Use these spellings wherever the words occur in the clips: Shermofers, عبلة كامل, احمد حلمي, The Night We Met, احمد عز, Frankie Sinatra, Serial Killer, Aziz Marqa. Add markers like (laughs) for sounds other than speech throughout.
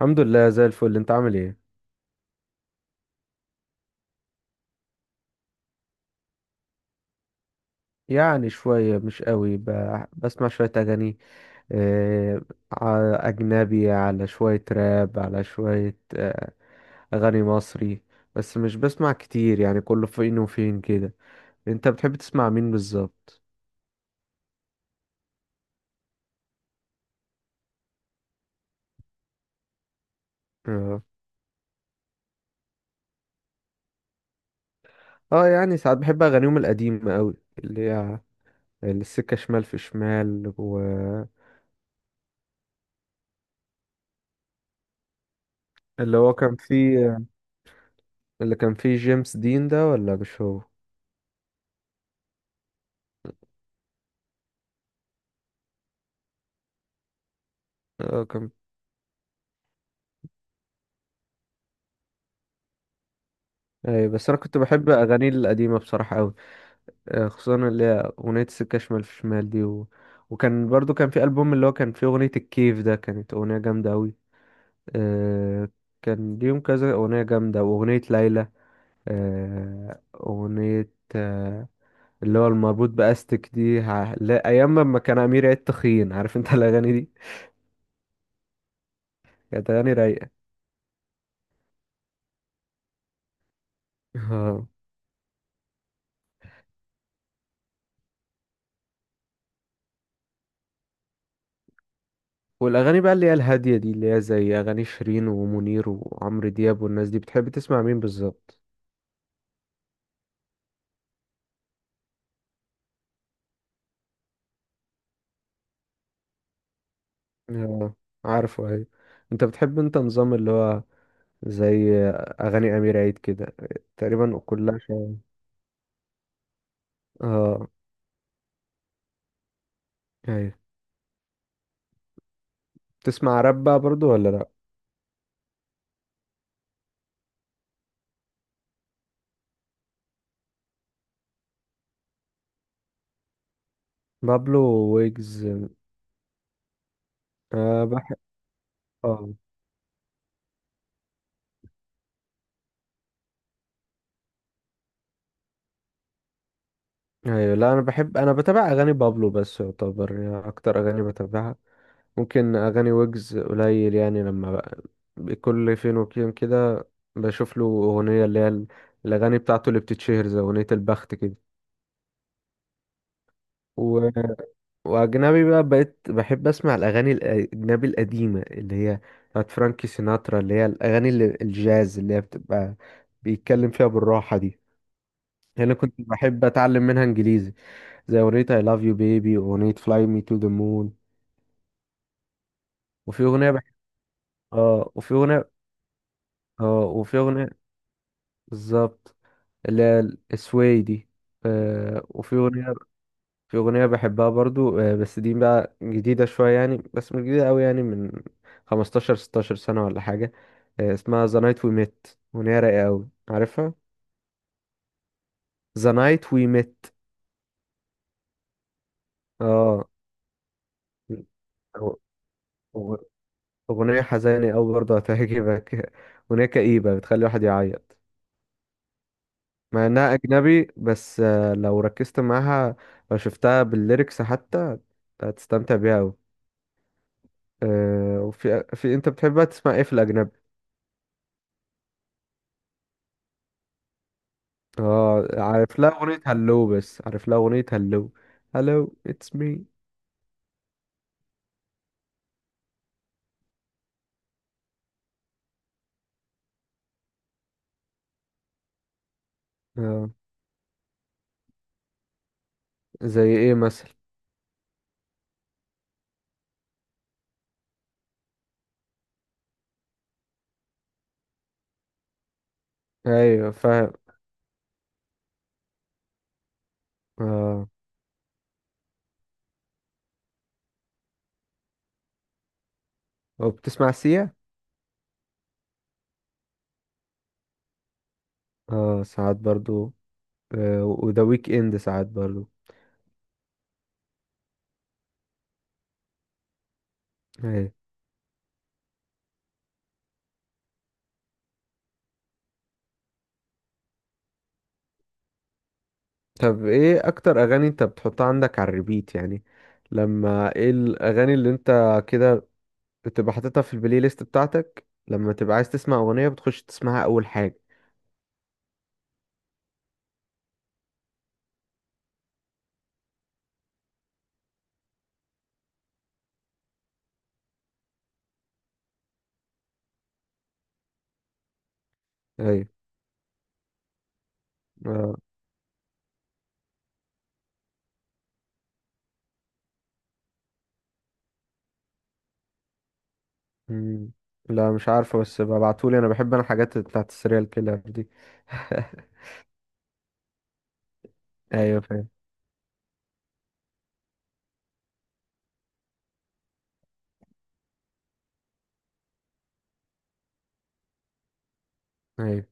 الحمد لله، زي الفل. انت عامل ايه؟ يعني شوية، مش قوي، بسمع شوية أغاني. آه، أجنبي، على شوية راب، على شوية أغاني مصري. بس مش بسمع كتير يعني، كله فين وفين كده. انت بتحب تسمع مين بالظبط؟ اه. اه، يعني ساعات بحب أغانيهم القديمة قوي، اللي هي السكة شمال في شمال، و اللي هو كان فيه، اللي كان فيه جيمس دين ده، ولا مش هو؟ اه، كان. اي، بس انا كنت بحب اغانيه القديمه بصراحه قوي، خصوصا اللي هي اغنيه سكه شمال في شمال دي، و... وكان برضو كان في البوم اللي هو كان فيه اغنيه الكيف ده، كانت اغنيه جامده قوي. أه، كان ليهم كذا اغنيه جامده، واغنيه ليلى. أه، اغنيه. أه. اللي هو المربوط باستك دي، لا، ايام ما كان امير عيد تخين، عارف انت الاغاني دي؟ كانت اغاني رايقه. آه. والاغاني بقى اللي هي الهاديه دي، اللي هي زي اغاني شيرين ومنير وعمرو دياب والناس دي، بتحب تسمع مين بالظبط؟ آه، عارفه، ايوه. انت بتحب، نظام اللي هو زي اغاني امير عيد كده، تقريبا كلها شبه؟ اه، ايوه. تسمع راب بقى برضو ولا لا؟ بابلو، ويجز. أه، بحب. اه. ايوه، لا، انا بحب انا بتابع اغاني بابلو، بس يعتبر يعني اكتر اغاني بتابعها. ممكن اغاني ويجز قليل يعني، لما بقى كل فين وفين كده بشوف له اغنيه اللي هي الاغاني بتاعته اللي بتتشهر زي اغنيه البخت كده. واجنبي بقى، بقيت بحب اسمع الاغاني الاجنبي القديمه اللي هي بتاعت فرانكي سيناترا، اللي هي الاغاني الجاز، اللي هي بتبقى بيتكلم فيها بالراحه دي. هنا كنت بحب اتعلم منها انجليزي، زي اغنيه I love you baby واغنيه fly me to the moon. وفي اغنيه بحب. اه، وفي اغنيه. اه، وفي اغنيه، بالظبط، اللي هي السواي دي. آه، وفي اغنيه. في أغنية بحبها برضو، بس دي بقى جديدة شوية يعني، بس مش جديدة أوي يعني، من 15 16 سنة ولا حاجة. اسمها The Night We Met، أغنية رايقة أوي، عارفها؟ The Night We Met. اه. أغ- أغ- أغنية حزينة أوي برضو، هتعجبك. (laughs) أغنية كئيبة بتخلي الواحد يعيط، مع إنها أجنبي، بس لو ركزت معاها، لو شفتها بالليركس حتى، هتستمتع بيها أوي. وفي في أنت بتحبها تسمع إيه في الأجنبي؟ اه، عارف لها اغنية هلو، بس عارف لها اغنية هلو. هلو اتس مي. اه، زي ايه مثلا؟ ايوه، فاهم. اه، وبتسمع سيا؟ اه، ساعات برضو. آه، وذا ويك اند ساعات برضو. ايوه. طب، ايه اكتر اغاني انت بتحطها عندك على الريبيت يعني؟ لما، ايه الاغاني اللي انت كده بتبقى حاططها في البلاي ليست بتاعتك، لما تبقى عايز تسمع اغنية بتخش تسمعها اول حاجة؟ ايوه. آه. مم. لا، مش عارفه، بس ببعتولي، انا بحب انا الحاجات بتاعت السريال كيلر دي. (laughs) ايوه، فاهم. ايوه،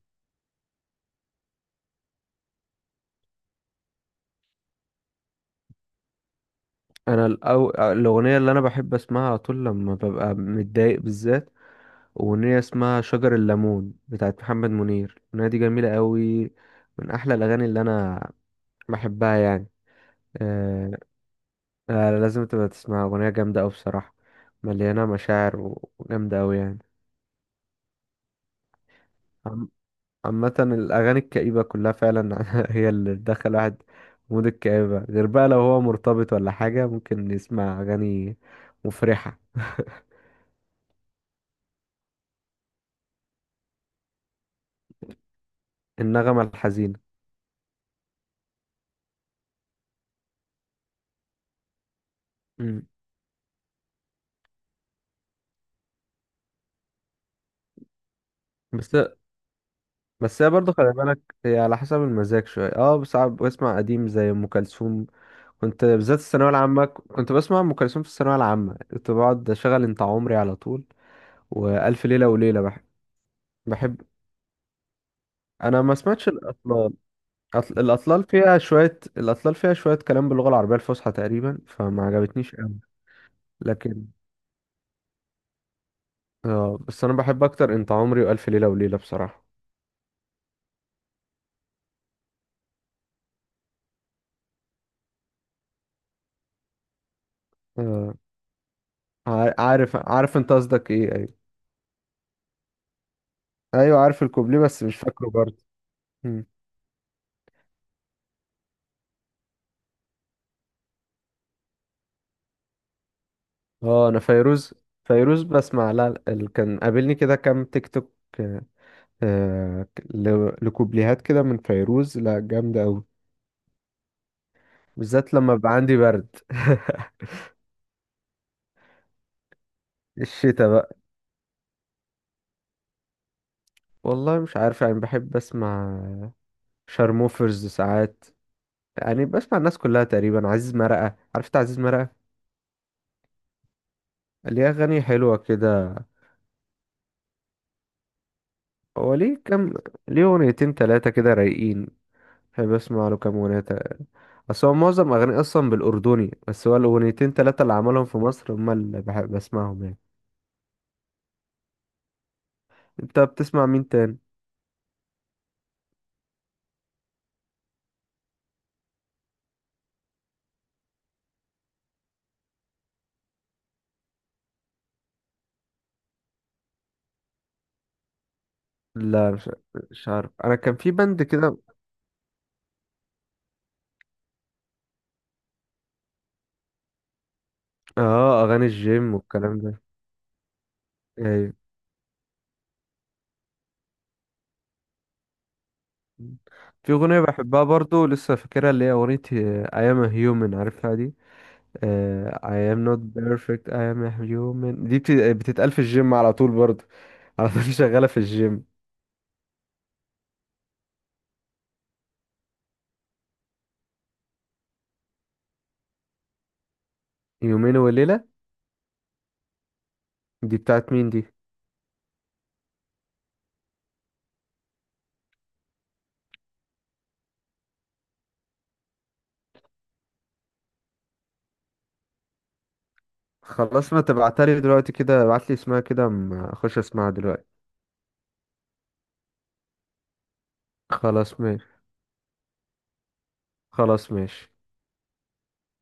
انا الاغنيه اللي انا بحب اسمعها على طول لما ببقى متضايق بالذات، اغنيه اسمها شجر الليمون بتاعت محمد منير. الاغنيه دي جميله قوي، من احلى الاغاني اللي انا بحبها يعني. آه. آه، لازم تبقى تسمعها، اغنيه جامده قوي بصراحه، مليانه مشاعر، و- وجامده قوي يعني. عامة الأغاني الكئيبة كلها فعلا (laughs) هي اللي بتدخل واحد في مود الكآبة، غير بقى لو هو مرتبط ولا حاجة، ممكن يسمع أغاني مفرحة. النغمة الحزينة. مم. بس بس هي برضه خلي بالك، هي على حسب المزاج شوية. اه، ساعات بسمع قديم زي أم كلثوم. كنت بالذات الثانوية العامة، كنت بسمع أم كلثوم. في الثانوية العامة كنت بقعد أشغل أنت عمري على طول، وألف ليلة وليلة، بحب. أنا ما سمعتش الأصل. الأطلال فيها شوية كلام باللغة العربية الفصحى تقريبا، فما عجبتنيش أوي، لكن. آه، بس أنا بحب أكتر أنت عمري وألف ليلة وليلة بصراحة. آه، عارف أنت قصدك إيه، أيوة. أيوة، عارف الكوبليه، بس مش فاكره برضه. مم. آه، أنا فيروز. فيروز بسمع، لا لا، كان قابلني كده كام تيك توك. آه، لكوبليهات كده من فيروز، لا، جامدة أوي، بالذات لما بيبقى عندي برد. (laughs) الشتا بقى. والله مش عارف يعني، بحب اسمع شارموفرز ساعات، يعني بسمع الناس كلها تقريبا. عزيز مرقة، عرفت عزيز مرقة؟ ليه أغاني حلوة كده. هو ليه كام، ليه أغنيتين تلاتة كده رايقين، بحب أسمع له كام أغنية أصل هو معظم أغانيه أصلا بالأردني، بس هو الأغنيتين تلاتة اللي عملهم في مصر هما اللي بحب أسمعهم يعني. أنت بتسمع مين تاني؟ لا، مش عارف، أنا كان في بند كده. اه، أغاني الجيم والكلام ده. أيوة. في أغنية بحبها برضو لسه فاكرها، اللي هي أغنية أيام هيومن، عارفها دي؟ آه، I am not perfect I am a human، دي بتتقال في الجيم على طول برضه، على طول (laughs) شغالة في الجيم. يومين وليلة. دي بتاعت مين دي؟ خلاص، ما تبعتها لي دلوقتي كده، ابعت لي اسمها كده أما اخش اسمعها دلوقتي. خلاص، ماشي. خلاص، ماشي.